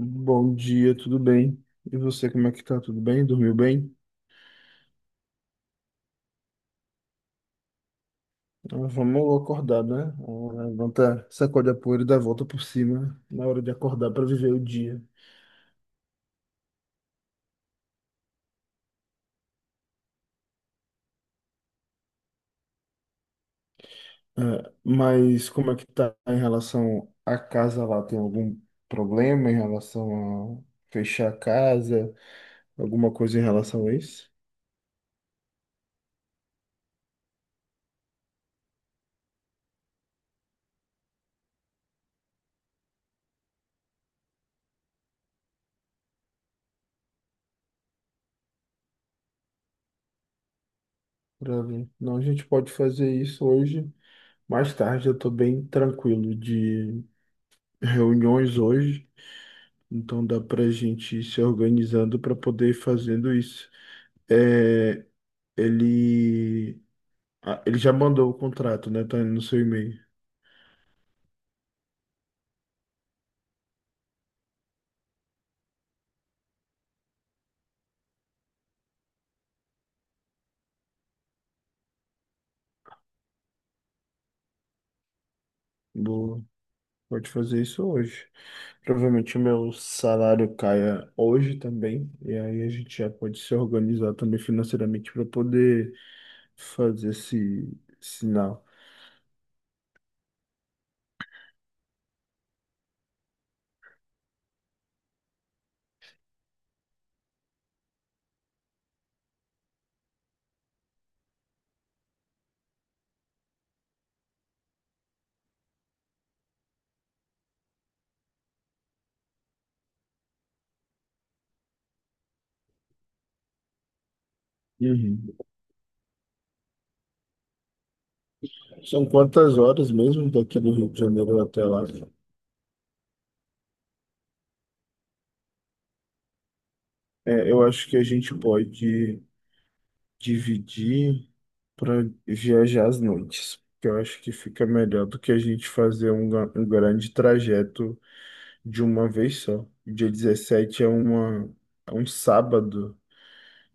Bom dia, tudo bem? E você, como é que tá? Tudo bem? Dormiu bem? Ah, vamos acordar, né? Ah, levanta, sacode a poeira e dá a volta por cima na hora de acordar para viver o dia. Ah, mas como é que tá em relação à casa lá? Tem algum problema em relação a fechar a casa? Alguma coisa em relação a isso? Pra ver. Não, a gente pode fazer isso hoje. Mais tarde, eu tô bem tranquilo de reuniões hoje. Então dá para a gente ir se organizando para poder ir fazendo isso. É, ele, ele já mandou o contrato, né? Tá no seu e-mail. Boa. Pode fazer isso hoje. Provavelmente o meu salário caia hoje também. E aí a gente já pode se organizar também financeiramente para poder fazer esse sinal. Uhum. São quantas horas mesmo daqui do Rio de Janeiro até lá? É, eu acho que a gente pode dividir para viajar às noites. Que Eu acho que fica melhor do que a gente fazer um grande trajeto de uma vez só. Dia 17 é um sábado,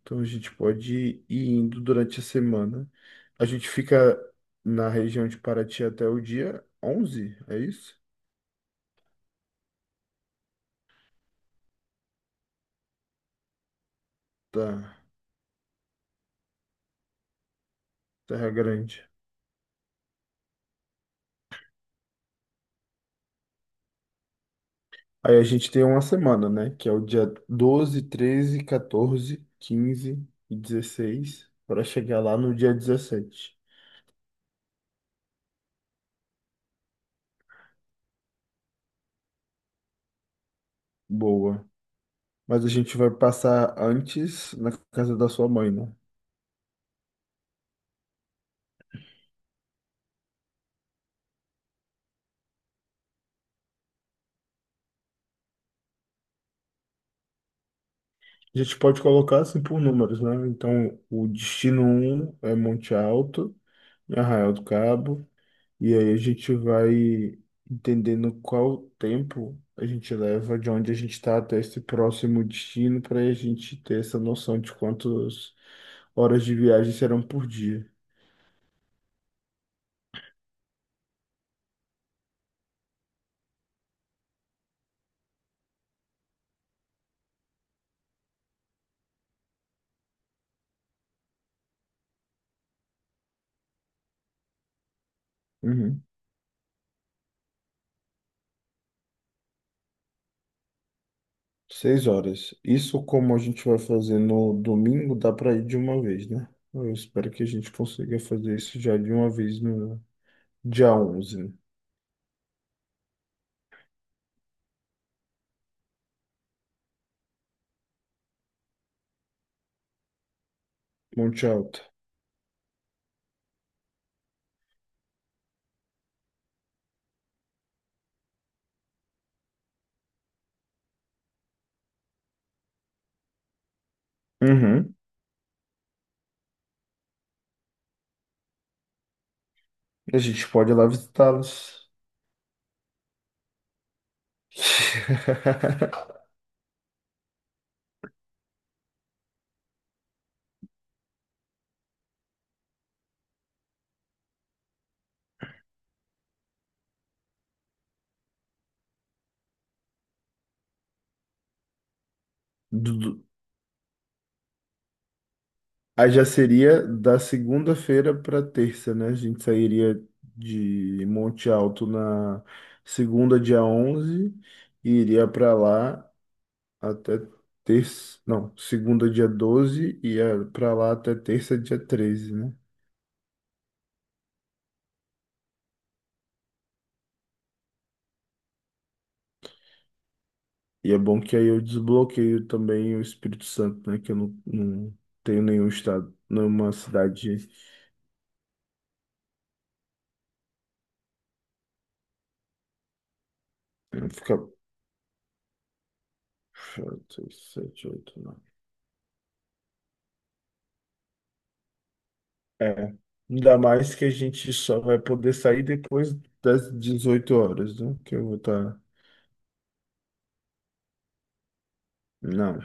então a gente pode ir indo durante a semana. A gente fica na região de Paraty até o dia 11, é isso? Tá, Terra Grande. Aí a gente tem uma semana, né? Que é o dia 12, 13, 14, 15 e 16 para chegar lá no dia 17. Boa. Mas a gente vai passar antes na casa da sua mãe, né? A gente pode colocar assim por números, né? Então, o destino um é Monte Alto, em Arraial do Cabo, e aí a gente vai entendendo qual tempo a gente leva de onde a gente está até esse próximo destino para a gente ter essa noção de quantas horas de viagem serão por dia. Uhum. Seis horas. Isso como a gente vai fazer no domingo, dá para ir de uma vez, né? Eu espero que a gente consiga fazer isso já de uma vez no dia 11, né? Monte Alto. Uhum. A gente pode ir lá visitá-los. Do- do- Aí já seria da segunda-feira para terça, né? A gente sairia de Monte Alto na segunda, dia 11, e iria para lá até terça, não, segunda dia 12 e é pra lá até terça dia 13, né? E é bom que aí eu desbloqueio também o Espírito Santo, né? Que eu não, não tenho nenhum estado, nenhuma cidade. Não fica. Seis sete, oito, nove. É. Ainda mais que a gente só vai poder sair depois das 18 horas, né? Que eu vou estar. Não,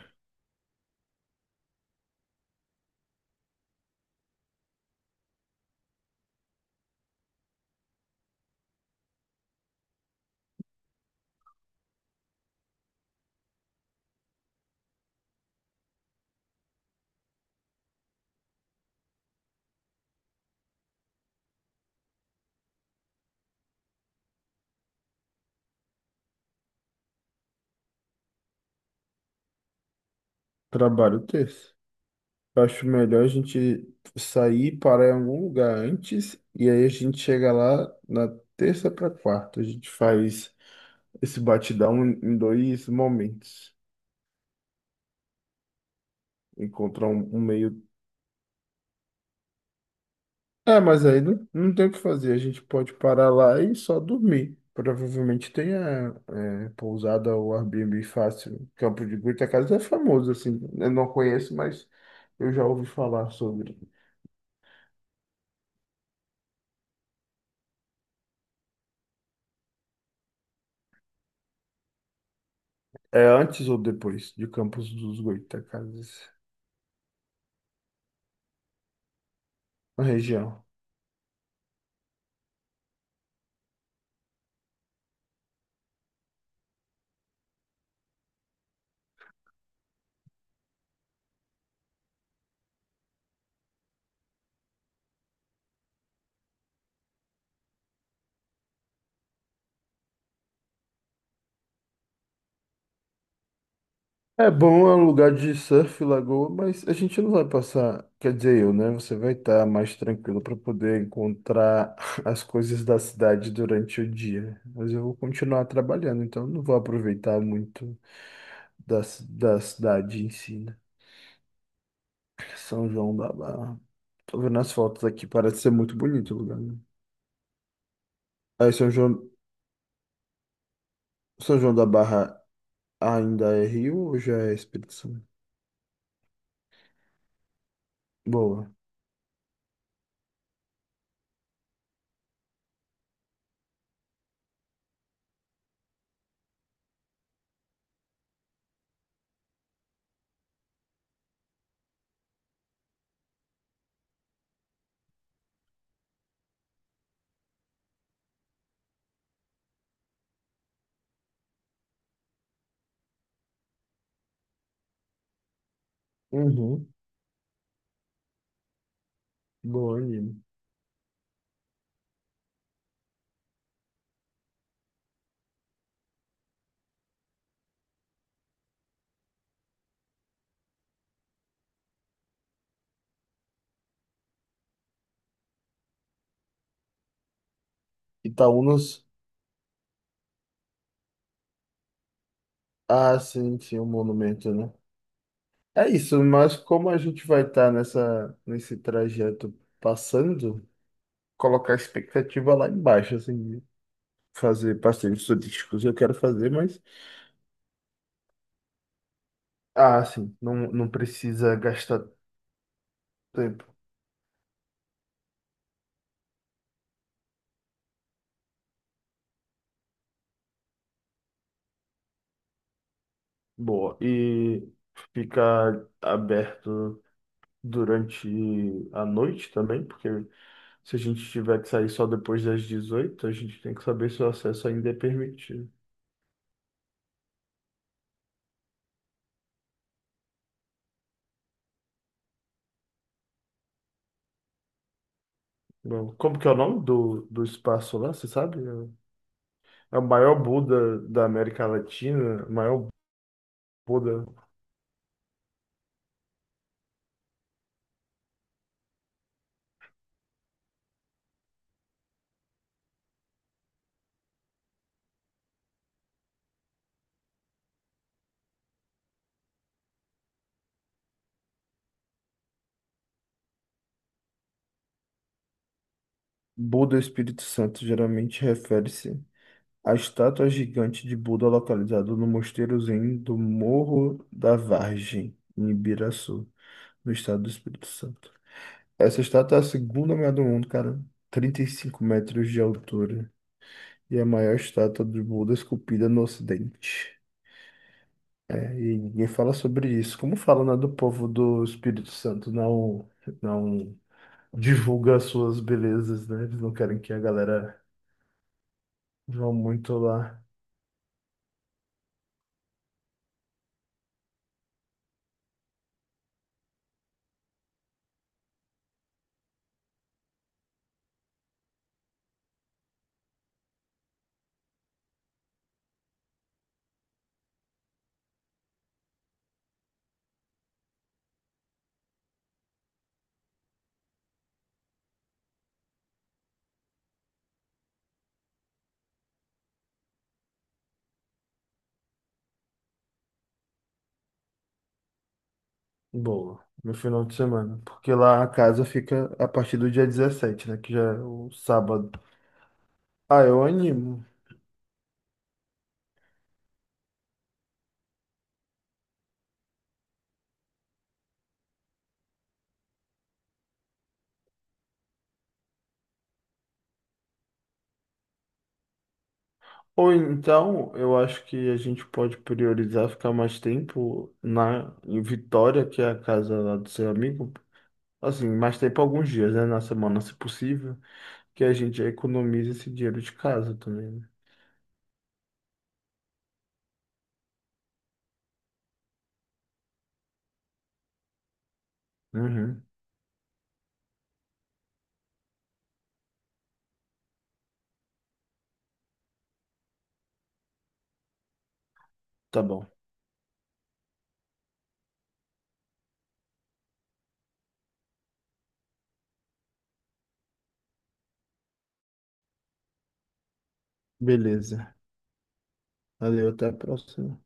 trabalho terça. Eu acho melhor a gente sair, parar em algum lugar antes, e aí a gente chega lá na terça para quarta. A gente faz esse batidão em dois momentos. Encontrar um meio. É, mas aí não, não tem o que fazer. A gente pode parar lá e só dormir. Provavelmente tenha é, pousada ou Airbnb fácil. Campo de Goytacazes é famoso, assim. Eu não conheço, mas eu já ouvi falar sobre. É antes ou depois de Campos dos Goytacazes? A região. É bom, é um lugar de surf, lagoa, mas a gente não vai passar, quer dizer, eu, né? Você vai estar mais tranquilo para poder encontrar as coisas da cidade durante o dia. Mas eu vou continuar trabalhando, então não vou aproveitar muito da cidade em si, né? São João da Barra. Tô vendo as fotos aqui, parece ser muito bonito o lugar, né? Aí São João da Barra ainda é Rio ou já é Espírito Santo? Boa. Uhum. Boa, Nino. Itaúnas. Ah, sim, sim, o monumento, né? É isso, mas como a gente vai estar nessa, nesse trajeto passando, colocar a expectativa lá embaixo, assim, de fazer passeios turísticos eu quero fazer, mas. Ah, sim, não, não precisa gastar tempo. Boa. E fica aberto durante a noite também, porque se a gente tiver que sair só depois das 18, a gente tem que saber se o acesso ainda é permitido. Bom, como que é o nome do espaço lá, você sabe? É o maior Buda da América Latina, o maior Buda. Buda Espírito Santo geralmente refere-se à estátua gigante de Buda localizada no mosteiro Zen do Morro da Vargem, em Ibiraçu, no estado do Espírito Santo. Essa estátua é a segunda maior do mundo, cara, 35 metros de altura, e é a maior estátua de Buda esculpida no Ocidente. É, e ninguém fala sobre isso. Como fala, né, do povo do Espírito Santo não divulga as suas belezas, né? Eles não querem que a galera vá muito lá. Boa, no final de semana. Porque lá a casa fica a partir do dia 17, né? Que já é o sábado. Ah, eu animo. Ou então, eu acho que a gente pode priorizar ficar mais tempo na em Vitória, que é a casa lá do seu amigo. Assim, mais tempo alguns dias, né? Na semana, se possível. Que a gente já economiza esse dinheiro de casa também, né? Uhum. Tá bom. Beleza. Valeu, até a próxima.